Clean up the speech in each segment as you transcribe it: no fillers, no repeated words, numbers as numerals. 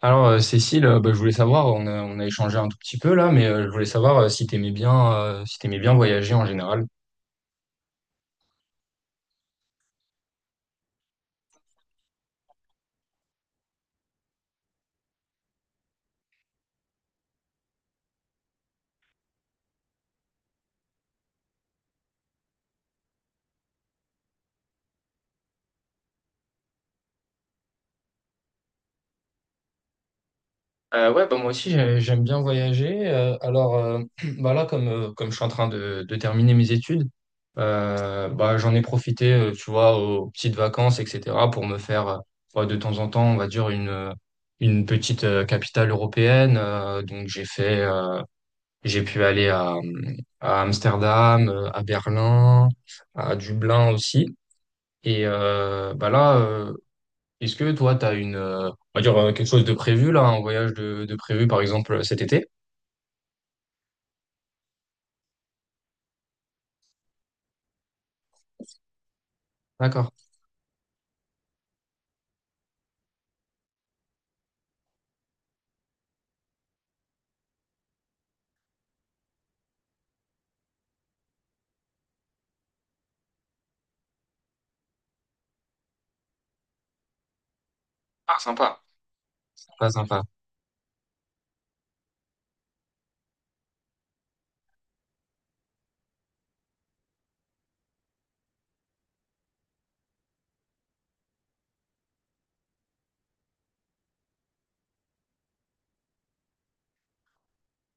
Alors, Cécile, bah, je voulais savoir, on a échangé un tout petit peu là, mais je voulais savoir si t'aimais bien voyager en général. Ouais, bah, moi aussi, j'aime bien voyager. Alors, bah, là, comme je suis en train de terminer mes études, bah, j'en ai profité, tu vois, aux petites vacances, etc., pour me faire, bah, de temps en temps, on va dire, une petite capitale européenne. Donc, j'ai pu aller à Amsterdam, à Berlin, à Dublin aussi. Et bah là, est-ce que toi, tu as on va dire quelque chose de prévu là, un voyage de prévu par exemple cet été? D'accord. Ah, sympa. Sympa, sympa.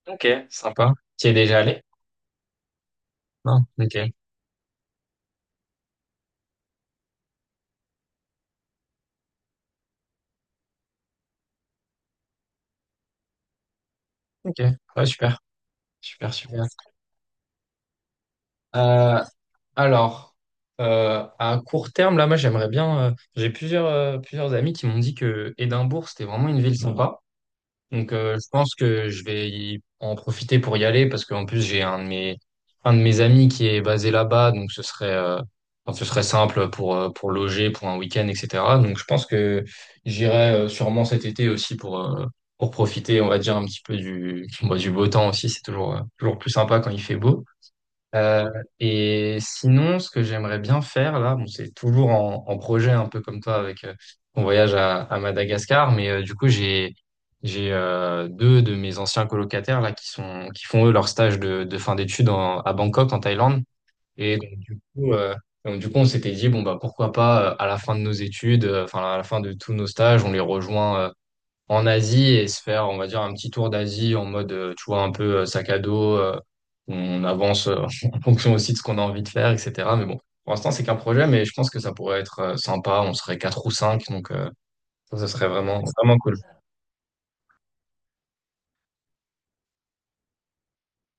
Ok, sympa. Tu es déjà allé? Non. Ok. Ok. Ouais, super. Super, super. Euh, alors, à court terme, là, moi, j'aimerais bien. J'ai plusieurs amis qui m'ont dit que Édimbourg, c'était vraiment une ville sympa. Donc, je pense que je vais en profiter pour y aller parce qu'en plus, j'ai un de mes amis qui est basé là-bas. Donc, enfin, ce serait simple pour loger, pour un week-end, etc. Donc, je pense que j'irai sûrement cet été aussi pour profiter, on va dire, un petit peu du, bah, du beau temps aussi. C'est toujours plus sympa quand il fait beau. Euh, et sinon, ce que j'aimerais bien faire là, bon, c'est toujours en projet un peu comme toi avec mon voyage à Madagascar, mais du coup j'ai deux de mes anciens colocataires là qui font eux leur stage de fin d'études à Bangkok en Thaïlande. Et donc du coup, euh, donc, du coup on s'était dit bon bah pourquoi pas à la fin de nos études, enfin à la fin de tous nos stages, on les rejoint en Asie et se faire, on va dire, un petit tour d'Asie en mode, tu vois, un peu sac à dos. On avance en fonction aussi de ce qu'on a envie de faire, etc. Mais bon, pour l'instant, c'est qu'un projet, mais je pense que ça pourrait être sympa. On serait quatre ou cinq, donc ça, ce serait vraiment, vraiment cool.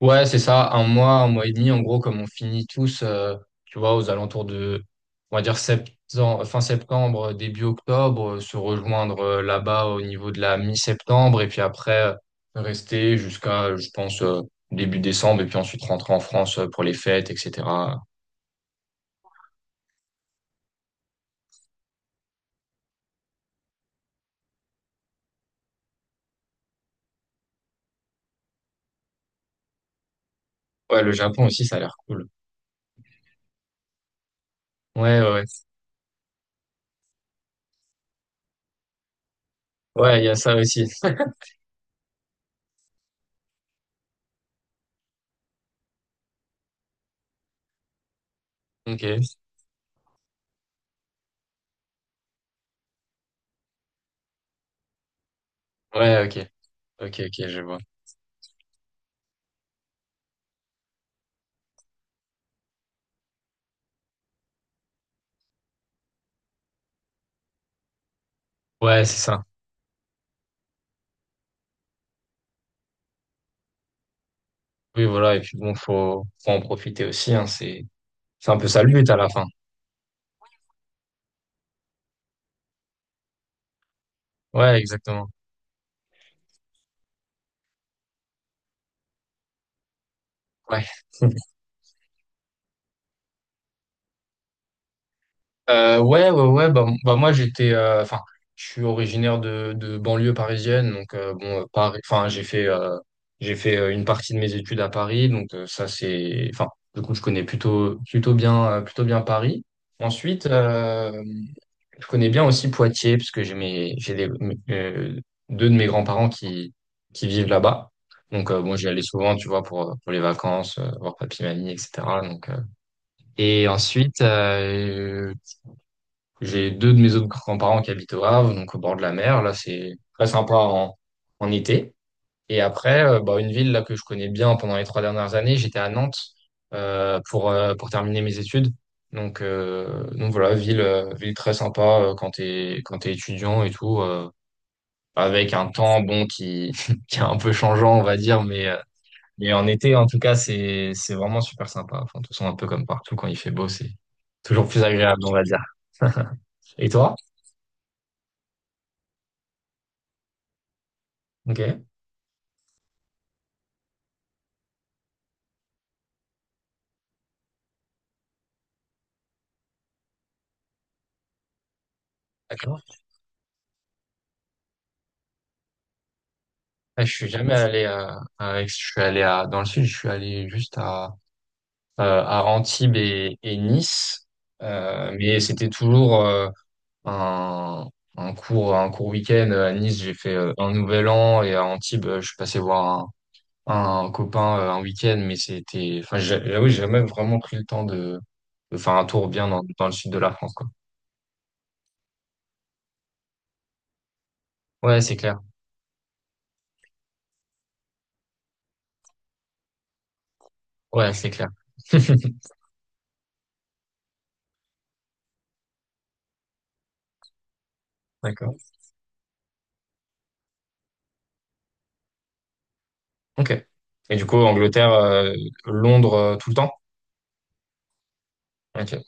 Ouais, c'est ça, un mois et demi, en gros, comme on finit tous, tu vois, aux alentours de, on va dire, fin septembre, début octobre, se rejoindre là-bas au niveau de la mi-septembre, et puis après, rester jusqu'à, je pense, début décembre, et puis ensuite rentrer en France pour les fêtes, etc. Ouais, le Japon aussi, ça a l'air cool. Ouais, ouais, ouais, ouais, il y a ça aussi. Ok, ouais, ok, ok, ok, je vois. Ouais, c'est ça. Oui, voilà, et puis bon, faut en profiter aussi, hein, c'est un peu ça le but à la fin. Ouais, exactement. Ouais. Ouais, ouais, ouais. Bah, bah moi, enfin, je suis originaire de banlieue parisienne, donc bon, Paris. Enfin, j'ai fait une partie de mes études à Paris, donc ça c'est, enfin, du coup, je connais plutôt bien Paris. Ensuite, je connais bien aussi Poitiers parce que j'ai mes, j'ai des, mes- deux de mes grands-parents qui vivent là-bas. Donc, bon, j'y allais souvent, tu vois, pour les vacances, voir papy, mamie, etc. Donc euh, Et ensuite, j'ai deux de mes autres grands-parents qui habitent au Havre, donc au bord de la mer. Là, c'est très sympa en été. Et après, bah, une ville là que je connais bien pendant les 3 dernières années, j'étais à Nantes pour terminer mes études. Donc voilà, ville très sympa quand t'es étudiant et tout, avec un temps bon qui qui est un peu changeant, on va dire, mais et en été, en tout cas, c'est vraiment super sympa. Enfin, de toute façon, un peu comme partout, quand il fait beau, c'est toujours plus agréable, on va dire. Et toi? Ok, d'accord. Ah, je suis jamais allé à Aix. Je suis allé à, Dans le sud, je suis allé juste à Antibes et Nice. Mais c'était toujours un, un court week-end. À Nice, j'ai fait un nouvel an et à Antibes, je suis passé voir un copain un week-end, mais enfin, j'avoue, j'ai jamais vraiment pris le temps de faire un tour bien dans le sud de la France, quoi. Ouais, c'est clair. Ouais, c'est clair. D'accord. Ok. Et du coup, Angleterre, Londres, tout le temps? Ok.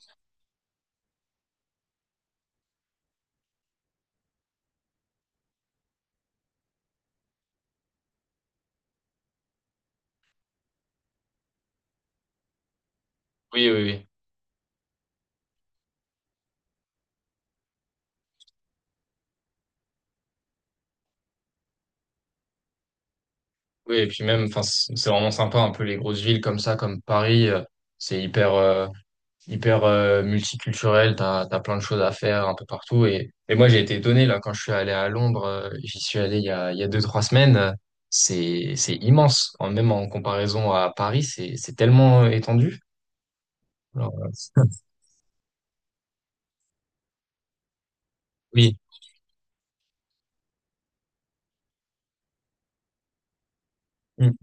Oui, oui, oui. Oui, et puis même, enfin, c'est vraiment sympa, un peu les grosses villes comme ça, comme Paris, c'est hyper multiculturel, t'as plein de choses à faire un peu partout. Et moi, j'ai été étonné, là, quand je suis allé à Londres, j'y suis allé il y a deux, trois semaines, c'est immense. Même en comparaison à Paris, c'est tellement étendu. Alors, oui. Mm.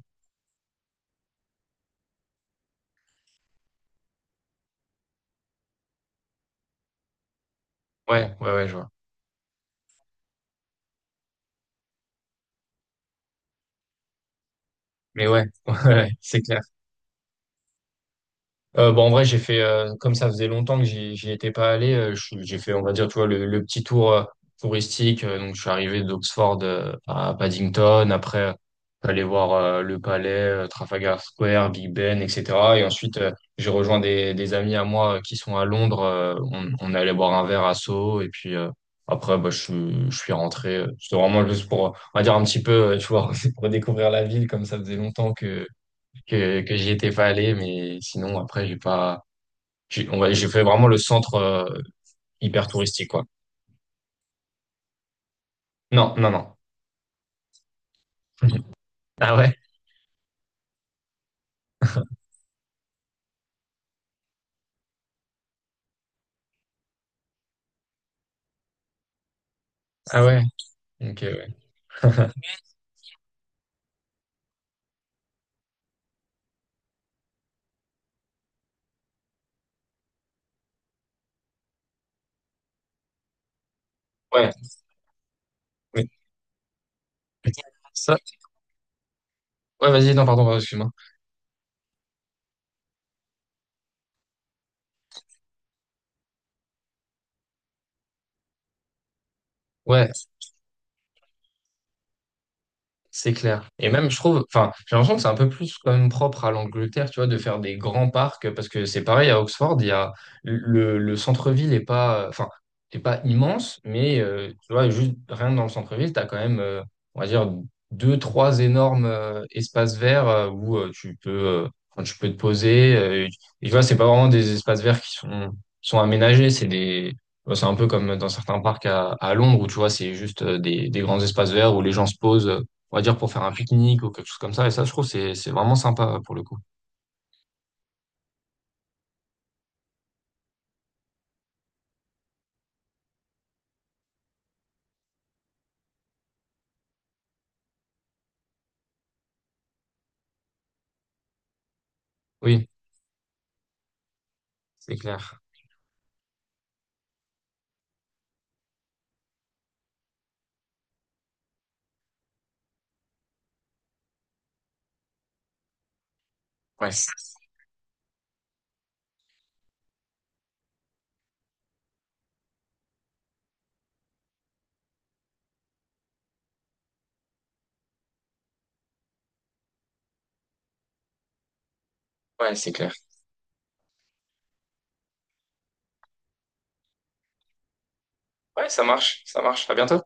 Ouais, ouais, ouais, je vois. Mais ouais, ouais, c'est clair. Bon, en vrai, comme ça faisait longtemps que j'y étais pas allé, j'ai fait, on va dire, tu vois, le petit tour touristique. Donc, je suis arrivé d'Oxford à Paddington. Après, je suis allé voir le palais, Trafalgar Square, Big Ben, etc. Et ensuite, j'ai rejoint des amis à moi qui sont à Londres. On on est allé boire un verre à Soho. Et puis, après, bah, je suis rentré. C'était vraiment juste pour, on va dire, un petit peu, tu vois, pour découvrir la ville, comme ça faisait longtemps que j'y étais pas allé, mais sinon, après, j'ai pas, j'ai, on va, j'ai fait vraiment le centre, hyper touristique, quoi. Non, non, non. Ah ouais? Ah ouais? Ok, ouais. Ouais. mais- Ça, ouais, vas-y, non, pardon, pardon, excuse-moi. Ouais, c'est clair. Et même, je trouve, enfin, j'ai l'impression que c'est un peu plus quand même propre à l'Angleterre, tu vois, de faire des grands parcs, parce que c'est pareil à Oxford, il y a le centre-ville est pas, enfin, est pas immense, mais tu vois, juste rien que dans le centre-ville, tu as quand même, on va dire, deux, trois énormes espaces verts où enfin, tu peux te poser. Et et tu vois, c'est pas vraiment des espaces verts qui sont aménagés, c'est un peu comme dans certains parcs à Londres où tu vois, c'est juste des grands espaces verts où les gens se posent on va dire pour faire un pique-nique ou quelque chose comme ça. Et ça, je trouve, c'est vraiment sympa pour le coup. Oui, c'est clair. Ouais, ouais, c'est clair. Ouais, ça marche, ça marche. À bientôt.